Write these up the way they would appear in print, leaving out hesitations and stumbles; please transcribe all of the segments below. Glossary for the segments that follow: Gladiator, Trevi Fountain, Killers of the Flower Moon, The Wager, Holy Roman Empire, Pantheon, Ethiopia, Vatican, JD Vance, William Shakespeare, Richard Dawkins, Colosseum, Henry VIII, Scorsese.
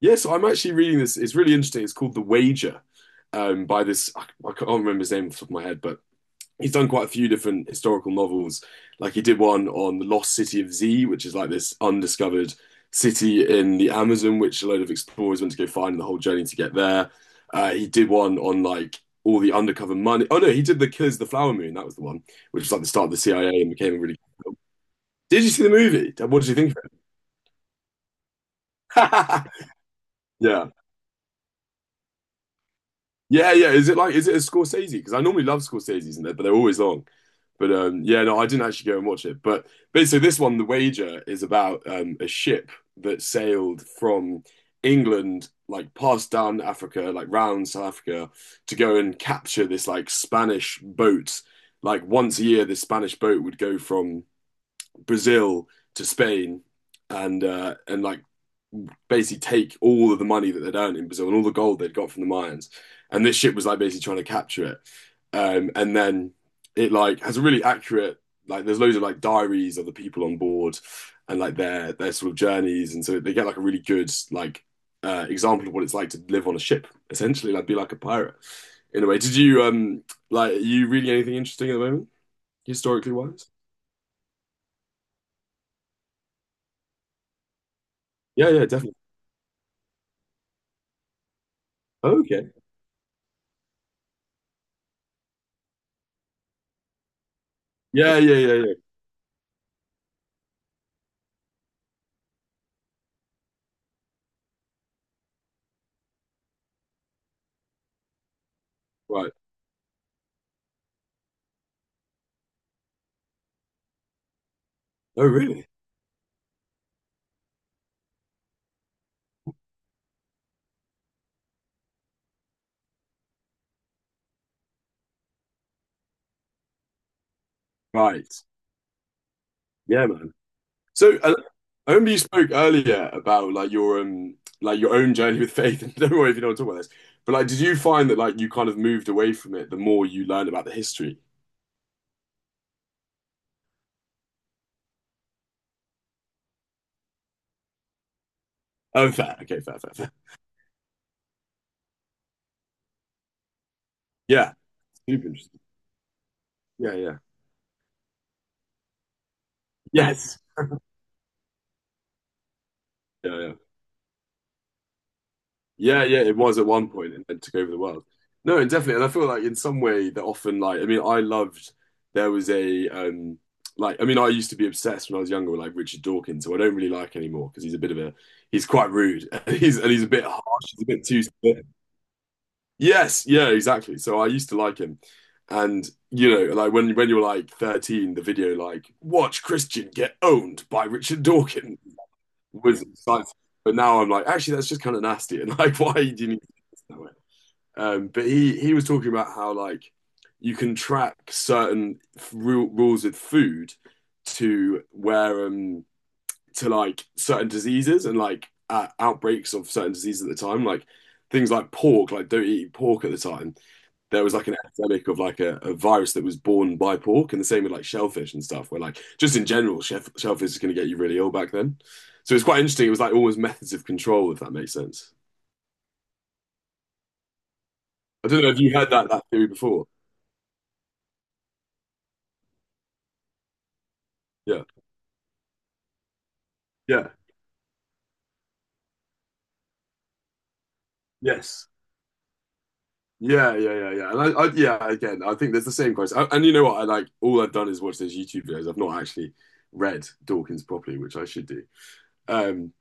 Yes, I'm actually reading this. It's really interesting. It's called The Wager, by this, I can't remember his name off the top of my head, but he's done quite a few different historical novels. Like he did one on the lost city of Z, which is like this undiscovered city in the Amazon, which a load of explorers went to go find and the whole journey to get there. He did one on like all the undercover money. Oh no, he did The Killers of the Flower Moon. That was the one, which was like the start of the CIA and became a really. Good film. Did you see the movie? What did you think of it? Yeah. Yeah, yeah. Is it like is it a Scorsese? Because I normally love Scorsese's, and but they're always long. But yeah, no, I didn't actually go and watch it. But basically, this one, The Wager, is about a ship that sailed from England, like past down Africa, like round South Africa, to go and capture this like Spanish boat. Like once a year, this Spanish boat would go from Brazil to Spain, and and like basically take all of the money that they'd earned in Brazil and all the gold they'd got from the mines. And this ship was like basically trying to capture it. And then it like has a really accurate like there's loads of like diaries of the people on board and like their sort of journeys. And so they get like a really good like example of what it's like to live on a ship, essentially, like be like a pirate in a way. Did you like are you reading anything interesting at the moment, historically wise? Yeah, yeah, definitely. Oh, okay. Yeah, yeah, yeah, yeah. Right. Oh, really? Right. Yeah, man. So I remember you spoke earlier about like your like your own journey with faith, and don't worry if you don't want to talk about this. But like, did you find that like you kind of moved away from it the more you learned about the history? Oh, fair. Okay, fair, fair, fair. Yeah, super interesting. Yeah, yeah. Yes. Yeah, yeah. Yeah, yeah, it was at one point and then took over the world. No, and definitely, and I feel like in some way that often like I mean I loved there was a like I mean I used to be obsessed when I was younger with like Richard Dawkins, who I don't really like anymore because he's a bit of a he's quite rude and he's a bit harsh, he's a bit too severe. Yes, yeah, exactly. So I used to like him. And you know, like when you're like 13, the video like watch Christian get owned by Richard Dawkins was exciting. But now I'm like, actually, that's just kind of nasty. And like, why do you need to do this that way? But he was talking about how like you can track certain rules with food to where to like certain diseases and like outbreaks of certain diseases at the time, like things like pork, like don't eat pork at the time. There was like an epidemic of like a virus that was born by pork, and the same with like shellfish and stuff, where like just in general, shellfish is going to get you really ill back then. So it's quite interesting. It was like almost methods of control, if that makes sense. I don't know if you had that theory before. Yeah. Yeah. Yes. Yeah, yeah, yeah, yeah. And yeah, again, I think there's the same question. I, and you know what? I like all I've done is watch those YouTube videos. I've not actually read Dawkins properly, which I should do. Um,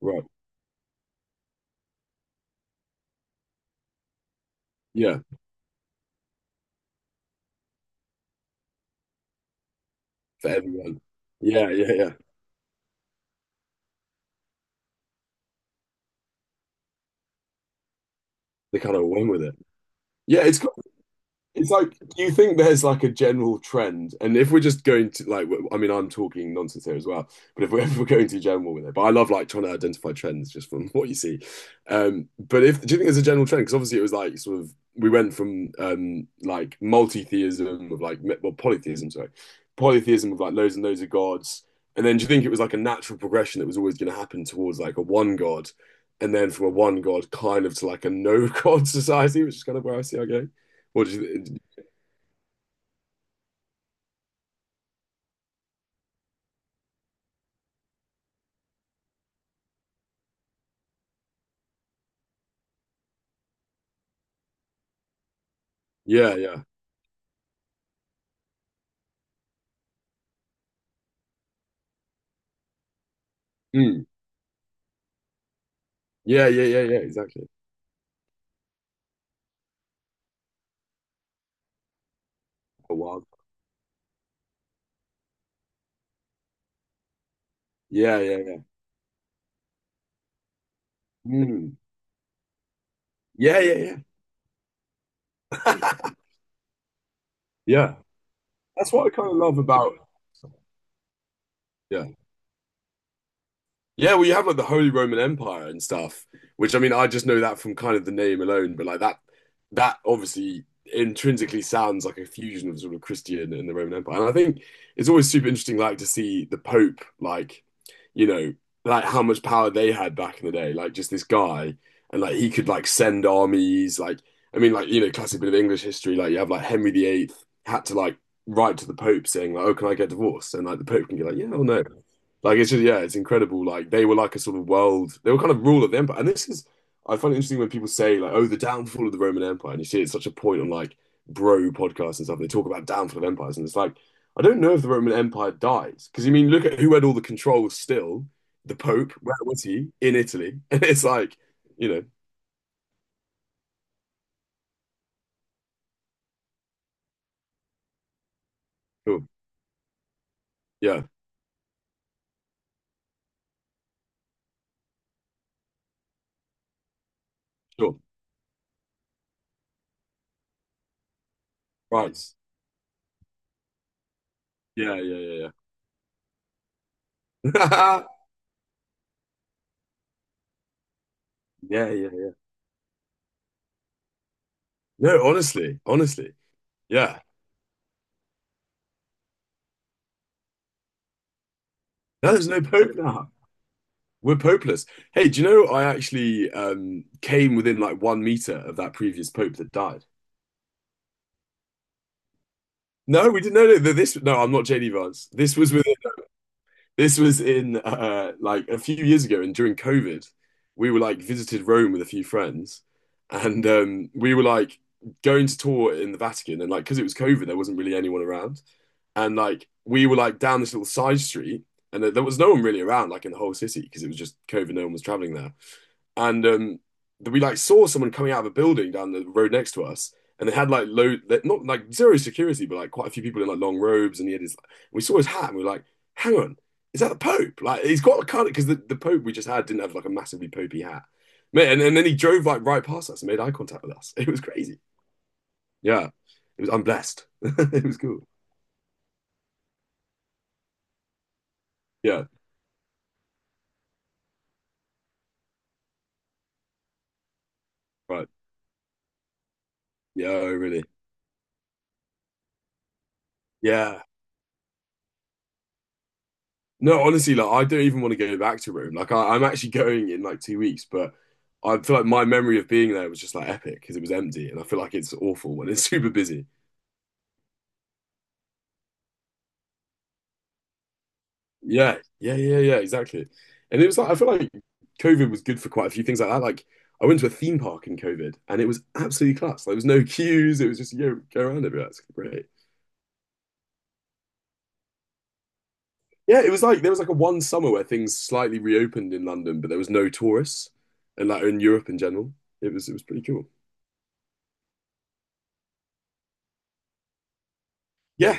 right. Yeah, for everyone. Yeah, yeah, yeah. They kind of went with it. Yeah, it's cool. It's like, do you think there's like a general trend? And if we're just going to like, I mean, I'm talking nonsense here as well, but if if we're going to general with it, but I love like trying to identify trends just from what you see. But if do you think there's a general trend? Because obviously it was like sort of we went from like multi-theism of like well polytheism, sorry, polytheism of like loads and loads of gods, and then do you think it was like a natural progression that was always going to happen towards like a one god, and then from a one god kind of to like a no god society, which is kind of where I see our going. What do you? Yeah, yeah. Mm. Yeah, yeah, yeah, yeah, exactly. A wild. Yeah, yeah, yeah. Mm. Yeah, yeah, yeah. Yeah. That's what I kind of love about. Yeah. Yeah, well, you have like the Holy Roman Empire and stuff, which I mean, I just know that from kind of the name alone, but like that, that obviously intrinsically sounds like a fusion of sort of Christian and the Roman Empire. And I think it's always super interesting, like to see the Pope, like, you know, like how much power they had back in the day, like just this guy, and like he could like send armies, like, I mean, like, you know, classic bit of English history, like you have like Henry VIII had to like write to the Pope saying, like, oh, can I get divorced? And like the Pope can be like, yeah or no. Like it's just yeah, it's incredible. Like they were like a sort of world. They were kind of rule of the empire. And this is I find it interesting when people say like, oh, the downfall of the Roman Empire, and you see it's such a point on like bro podcasts and stuff. They talk about downfall of empires, and it's like I don't know if the Roman Empire dies because you mean look at who had all the control still. The Pope, where was he? In Italy, and it's like you know, cool, yeah, sure, right, yeah, yeah, yeah, yeah, yeah, yeah, yeah. No, honestly, honestly, yeah. No, there's no Pope now. We're popeless. Hey, do you know I actually came within like 1 meter of that previous pope that died? No, we didn't. No, no, this. No, I'm not JD Vance. This was with. This was in like a few years ago, and during COVID, we were like visited Rome with a few friends, and we were like going to tour in the Vatican, and like because it was COVID, there wasn't really anyone around, and like we were like down this little side street, and there was no one really around, like in the whole city, because it was just COVID. No one was traveling there and we like saw someone coming out of a building down the road next to us, and they had like low, not like zero security, but like quite a few people in like long robes, and he had his. We saw his hat, and we were like, "Hang on, is that the Pope?" Like he's got a kind of because the Pope we just had didn't have like a massively popey hat, man. And then he drove like right past us and made eye contact with us. It was crazy. Yeah, it was. I'm blessed. It was cool. Yeah. Right. Yeah. Oh, really. Yeah. No, honestly, like I don't even want to go back to Rome. Like I'm actually going in like 2 weeks, but I feel like my memory of being there was just like epic because it was empty, and I feel like it's awful when it's super busy. Yeah, yeah, yeah, yeah, exactly. And it was like I feel like COVID was good for quite a few things like that. Like I went to a theme park in COVID, and it was absolutely class. Like, there was no queues. It was just you know, go around everywhere. It's great. Yeah, it was like there was like a one summer where things slightly reopened in London, but there was no tourists, and like in Europe in general, it was pretty cool. Yeah.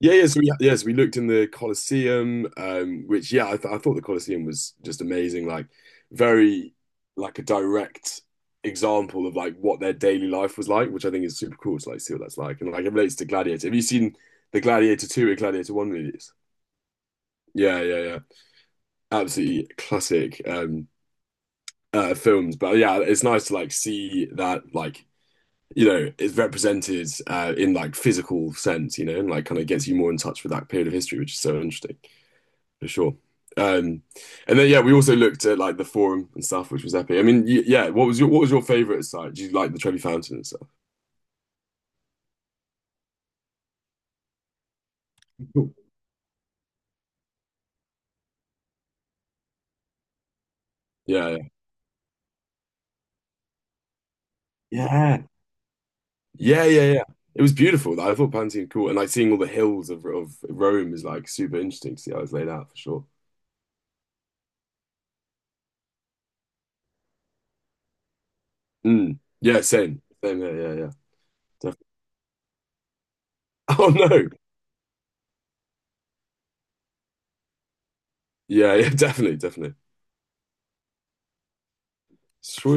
Yeah, yeah. So we, yes, we looked in the Colosseum, which yeah, I thought the Colosseum was just amazing, like very like a direct example of like what their daily life was like, which I think is super cool to like see what that's like. And like it relates to Gladiator. Have you seen the Gladiator 2 and Gladiator 1 movies? Yeah, yeah, yeah. Absolutely classic films. But yeah, it's nice to like see that like you know, is represented in like physical sense, you know, and like kind of gets you more in touch with that period of history, which is so interesting for sure. Um, and then yeah, we also looked at like the forum and stuff, which was epic. I mean, yeah, what was your favorite site? Did you like the Trevi Fountain and stuff? Cool. Yeah, yeah, Yeah. yeah, yeah, yeah. It was beautiful. I thought Pantheon cool, and like seeing all the hills of Rome is like super interesting to see how it's laid out for sure. Mm. Yeah, same, same. Yeah, yeah, yeah. Definitely. Oh no. Yeah, yeah, definitely, definitely. Sure.